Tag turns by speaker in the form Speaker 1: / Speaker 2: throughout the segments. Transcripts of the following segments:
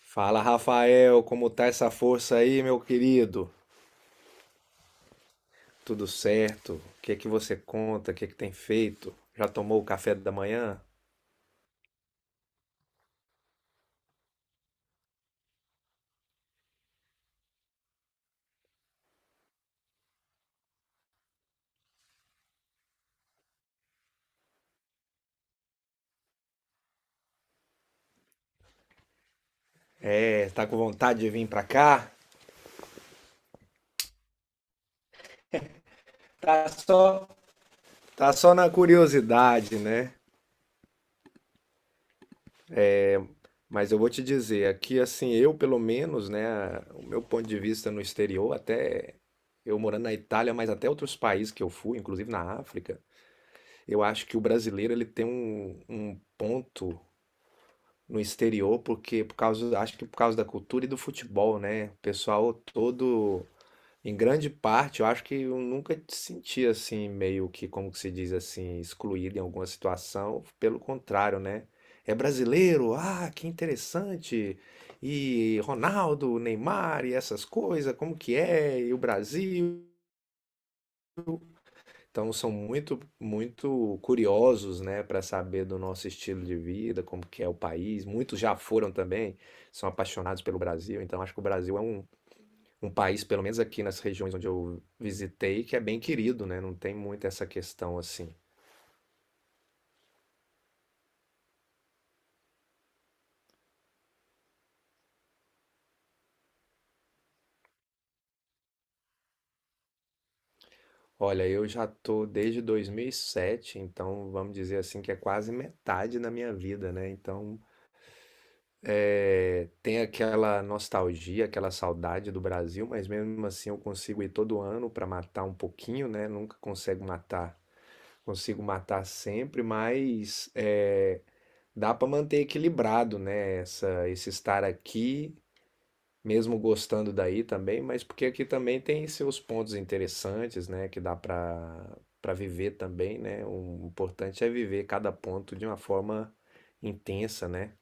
Speaker 1: Fala, Rafael, como tá essa força aí, meu querido? Tudo certo? O que é que você conta? O que é que tem feito? Já tomou o café da manhã? É, tá com vontade de vir pra cá? Tá só, tá só na curiosidade, né? Mas eu vou te dizer, aqui assim, eu pelo menos, né, o meu ponto de vista no exterior, até eu morando na Itália, mas até outros países que eu fui, inclusive na África, eu acho que o brasileiro ele tem um ponto no exterior, porque por causa, acho que por causa da cultura e do futebol, né? O pessoal todo, em grande parte, eu acho que eu nunca te senti assim, meio que, como que se diz assim, excluído em alguma situação. Pelo contrário, né? É brasileiro, ah, que interessante. E Ronaldo, Neymar e essas coisas, como que é? E o Brasil? Então são muito, muito curiosos, né, para saber do nosso estilo de vida, como que é o país. Muitos já foram também, são apaixonados pelo Brasil. Então acho que o Brasil é um, um país, pelo menos aqui nas regiões onde eu visitei, que é bem querido, né? Não tem muito essa questão assim. Olha, eu já tô desde 2007, então vamos dizer assim que é quase metade da minha vida, né? Então é, tem aquela nostalgia, aquela saudade do Brasil, mas mesmo assim eu consigo ir todo ano para matar um pouquinho, né? Nunca consigo matar, consigo matar sempre, mas é, dá para manter equilibrado, né? Essa, esse estar aqui, mesmo gostando daí também, mas porque aqui também tem seus pontos interessantes, né? Que dá para para viver também, né? O importante é viver cada ponto de uma forma intensa, né?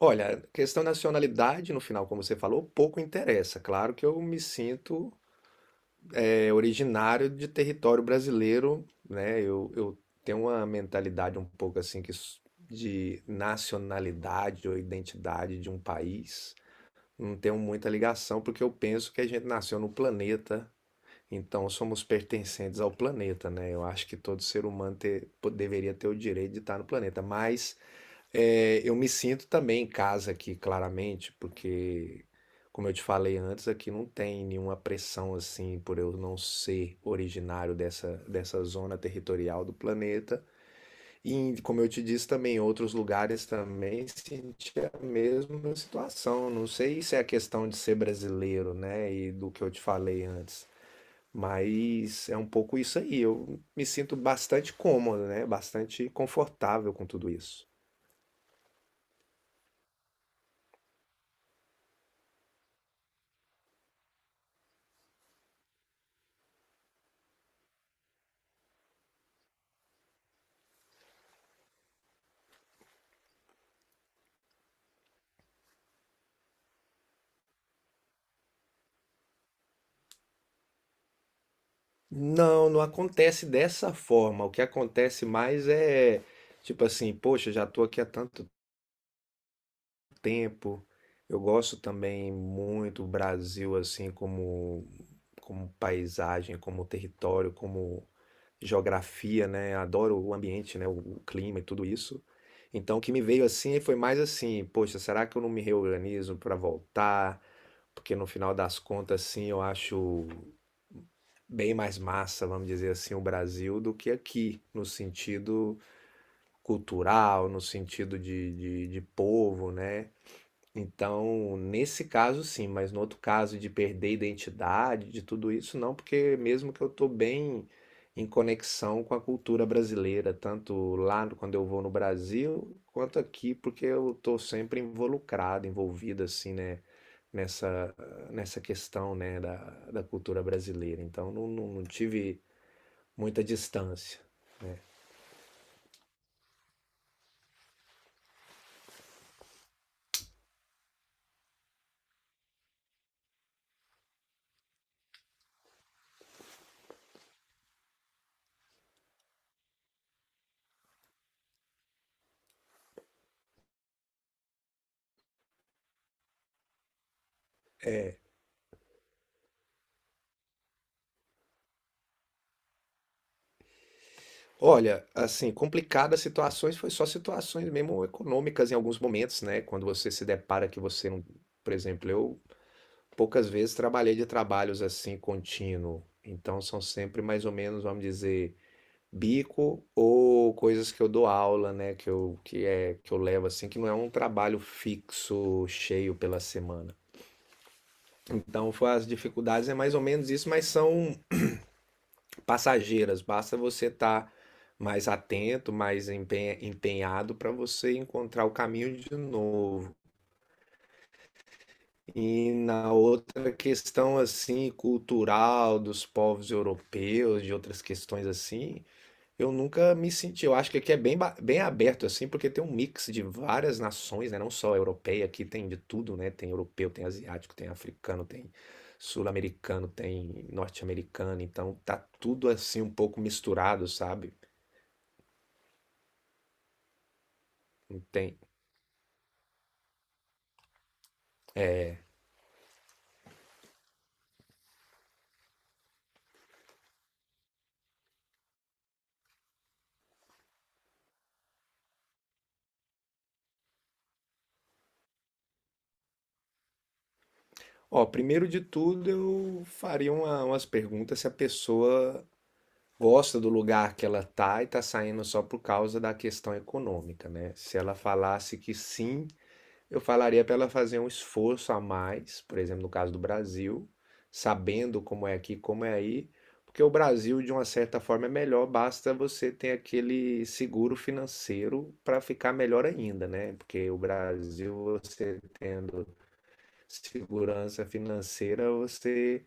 Speaker 1: Olha, questão de nacionalidade, no final, como você falou, pouco interessa. Claro que eu me sinto é, originário de território brasileiro, né? Eu tenho uma mentalidade um pouco assim que de nacionalidade ou identidade de um país. Não tenho muita ligação, porque eu penso que a gente nasceu no planeta, então somos pertencentes ao planeta, né? Eu acho que todo ser humano deveria ter o direito de estar no planeta, mas. É, eu me sinto também em casa aqui, claramente, porque, como eu te falei antes, aqui não tem nenhuma pressão assim por eu não ser originário dessa zona territorial do planeta. E, como eu te disse também, em outros lugares também senti a mesma situação. Não sei se é a questão de ser brasileiro, né, e do que eu te falei antes. Mas é um pouco isso aí. Eu me sinto bastante cômodo, né? Bastante confortável com tudo isso. Não, não acontece dessa forma. O que acontece mais é tipo assim, poxa, já tô aqui há tanto tempo. Eu gosto também muito do Brasil assim como como paisagem, como território, como geografia, né? Adoro o ambiente, né? O clima e tudo isso. Então, o que me veio assim foi mais assim, poxa, será que eu não me reorganizo para voltar? Porque no final das contas, sim, eu acho bem mais massa, vamos dizer assim, o Brasil do que aqui, no sentido cultural, no sentido de povo, né? Então, nesse caso sim, mas no outro caso de perder identidade, de tudo isso, não, porque mesmo que eu estou bem em conexão com a cultura brasileira, tanto lá quando eu vou no Brasil, quanto aqui, porque eu estou sempre involucrado, envolvido assim, né, nessa, nessa questão, né, da, da cultura brasileira. Então, não, não, não tive muita distância. Olha, assim, complicadas situações foi só situações mesmo econômicas em alguns momentos, né? Quando você se depara que você não, por exemplo, eu poucas vezes trabalhei de trabalhos assim contínuo, então são sempre mais ou menos, vamos dizer, bico ou coisas que eu dou aula, né? Que eu que eu levo assim, que não é um trabalho fixo cheio pela semana. Então, foi as dificuldades é mais ou menos isso, mas são passageiras, basta você estar mais atento, mais empenhado para você encontrar o caminho de novo. E na outra questão assim cultural dos povos europeus, de outras questões assim, eu nunca me senti. Eu acho que aqui é bem, bem aberto assim, porque tem um mix de várias nações, né? Não só a europeia, aqui tem de tudo, né? Tem europeu, tem asiático, tem africano, tem sul-americano, tem norte-americano, então tá tudo assim um pouco misturado, sabe? Tem. Ó, primeiro de tudo, eu faria umas perguntas se a pessoa gosta do lugar que ela tá e tá saindo só por causa da questão econômica, né? Se ela falasse que sim, eu falaria para ela fazer um esforço a mais, por exemplo, no caso do Brasil, sabendo como é aqui, como é aí, porque o Brasil, de uma certa forma, é melhor, basta você ter aquele seguro financeiro para ficar melhor ainda, né? Porque o Brasil, você tendo segurança financeira, você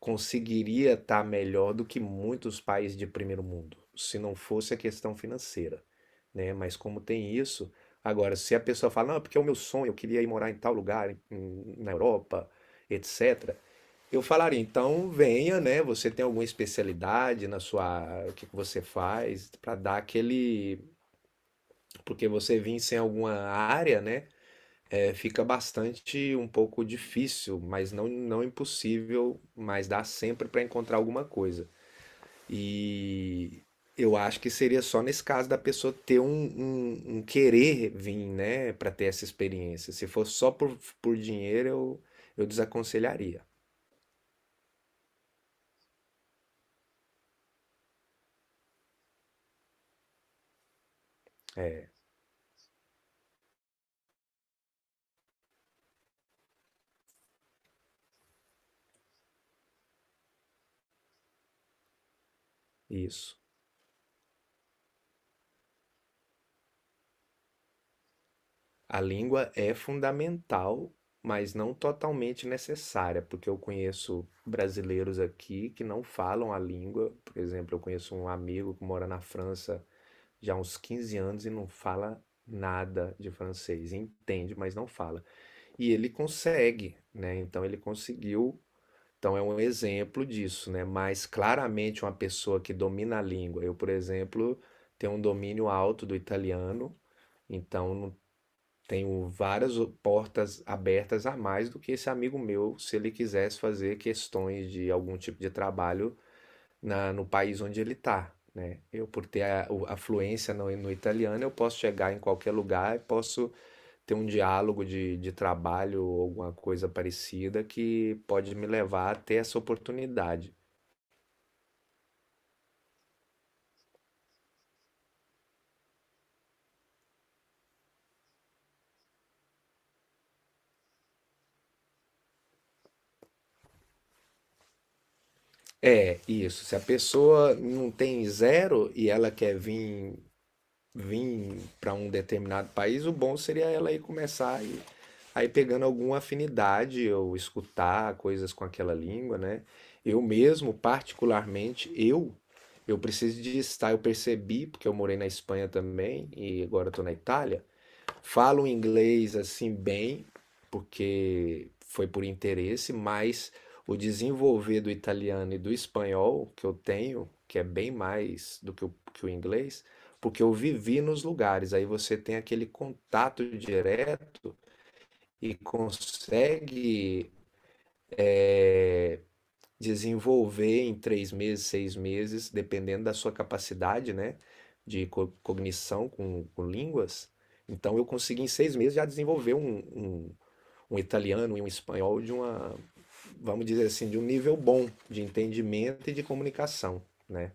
Speaker 1: conseguiria estar melhor do que muitos países de primeiro mundo, se não fosse a questão financeira, né? Mas como tem isso, agora se a pessoa fala, não, é porque é o meu sonho, eu queria ir morar em tal lugar, na Europa, etc. Eu falaria, então venha, né? Você tem alguma especialidade na sua, o que que você faz para dar aquele, porque você vem sem alguma área, né? É, fica bastante um pouco difícil, mas não, não impossível, mas dá sempre para encontrar alguma coisa. E eu acho que seria só nesse caso da pessoa ter um querer vir, né, para ter essa experiência. Se for só por dinheiro, eu desaconselharia isso. A língua é fundamental, mas não totalmente necessária, porque eu conheço brasileiros aqui que não falam a língua. Por exemplo, eu conheço um amigo que mora na França já há uns 15 anos e não fala nada de francês, entende, mas não fala. E ele consegue, né? Então ele conseguiu. Então é um exemplo disso, né? Mas claramente uma pessoa que domina a língua. Eu, por exemplo, tenho um domínio alto do italiano. Então, não tenho várias portas abertas a mais do que esse amigo meu, se ele quisesse fazer questões de algum tipo de trabalho na, no país onde ele está, né? Eu, por ter a fluência no, no italiano, eu posso chegar em qualquer lugar e posso ter um diálogo de trabalho ou alguma coisa parecida que pode me levar a ter essa oportunidade. É, isso. Se a pessoa não tem zero e ela quer vir vir para um determinado país, o bom seria ela ir começar e aí pegando alguma afinidade ou escutar coisas com aquela língua, né? Eu mesmo, particularmente, eu preciso de estar, eu percebi, porque eu morei na Espanha também e agora estou na Itália, falo inglês assim bem, porque foi por interesse, mas o desenvolver do italiano e do espanhol que eu tenho, que é bem mais do que o inglês, porque eu vivi nos lugares, aí você tem aquele contato direto e consegue é, desenvolver em 3 meses, 6 meses, dependendo da sua capacidade, né, de cognição com línguas. Então eu consegui em 6 meses já desenvolver um italiano e um espanhol de uma, vamos dizer assim, de um nível bom de entendimento e de comunicação, né?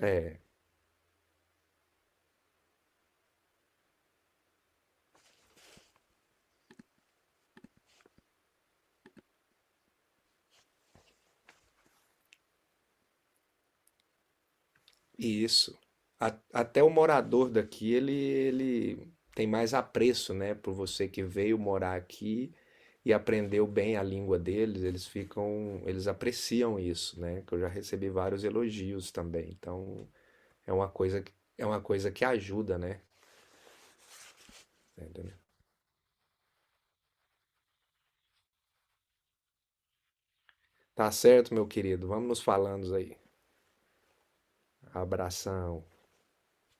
Speaker 1: É, e isso. Até o morador daqui, ele tem mais apreço, né, por você que veio morar aqui e aprendeu bem a língua deles, eles ficam, eles apreciam isso, né? Que eu já recebi vários elogios também. Então, é uma coisa, é uma coisa que ajuda, né? Entendeu? Tá certo, meu querido. Vamos nos falando aí. Abração.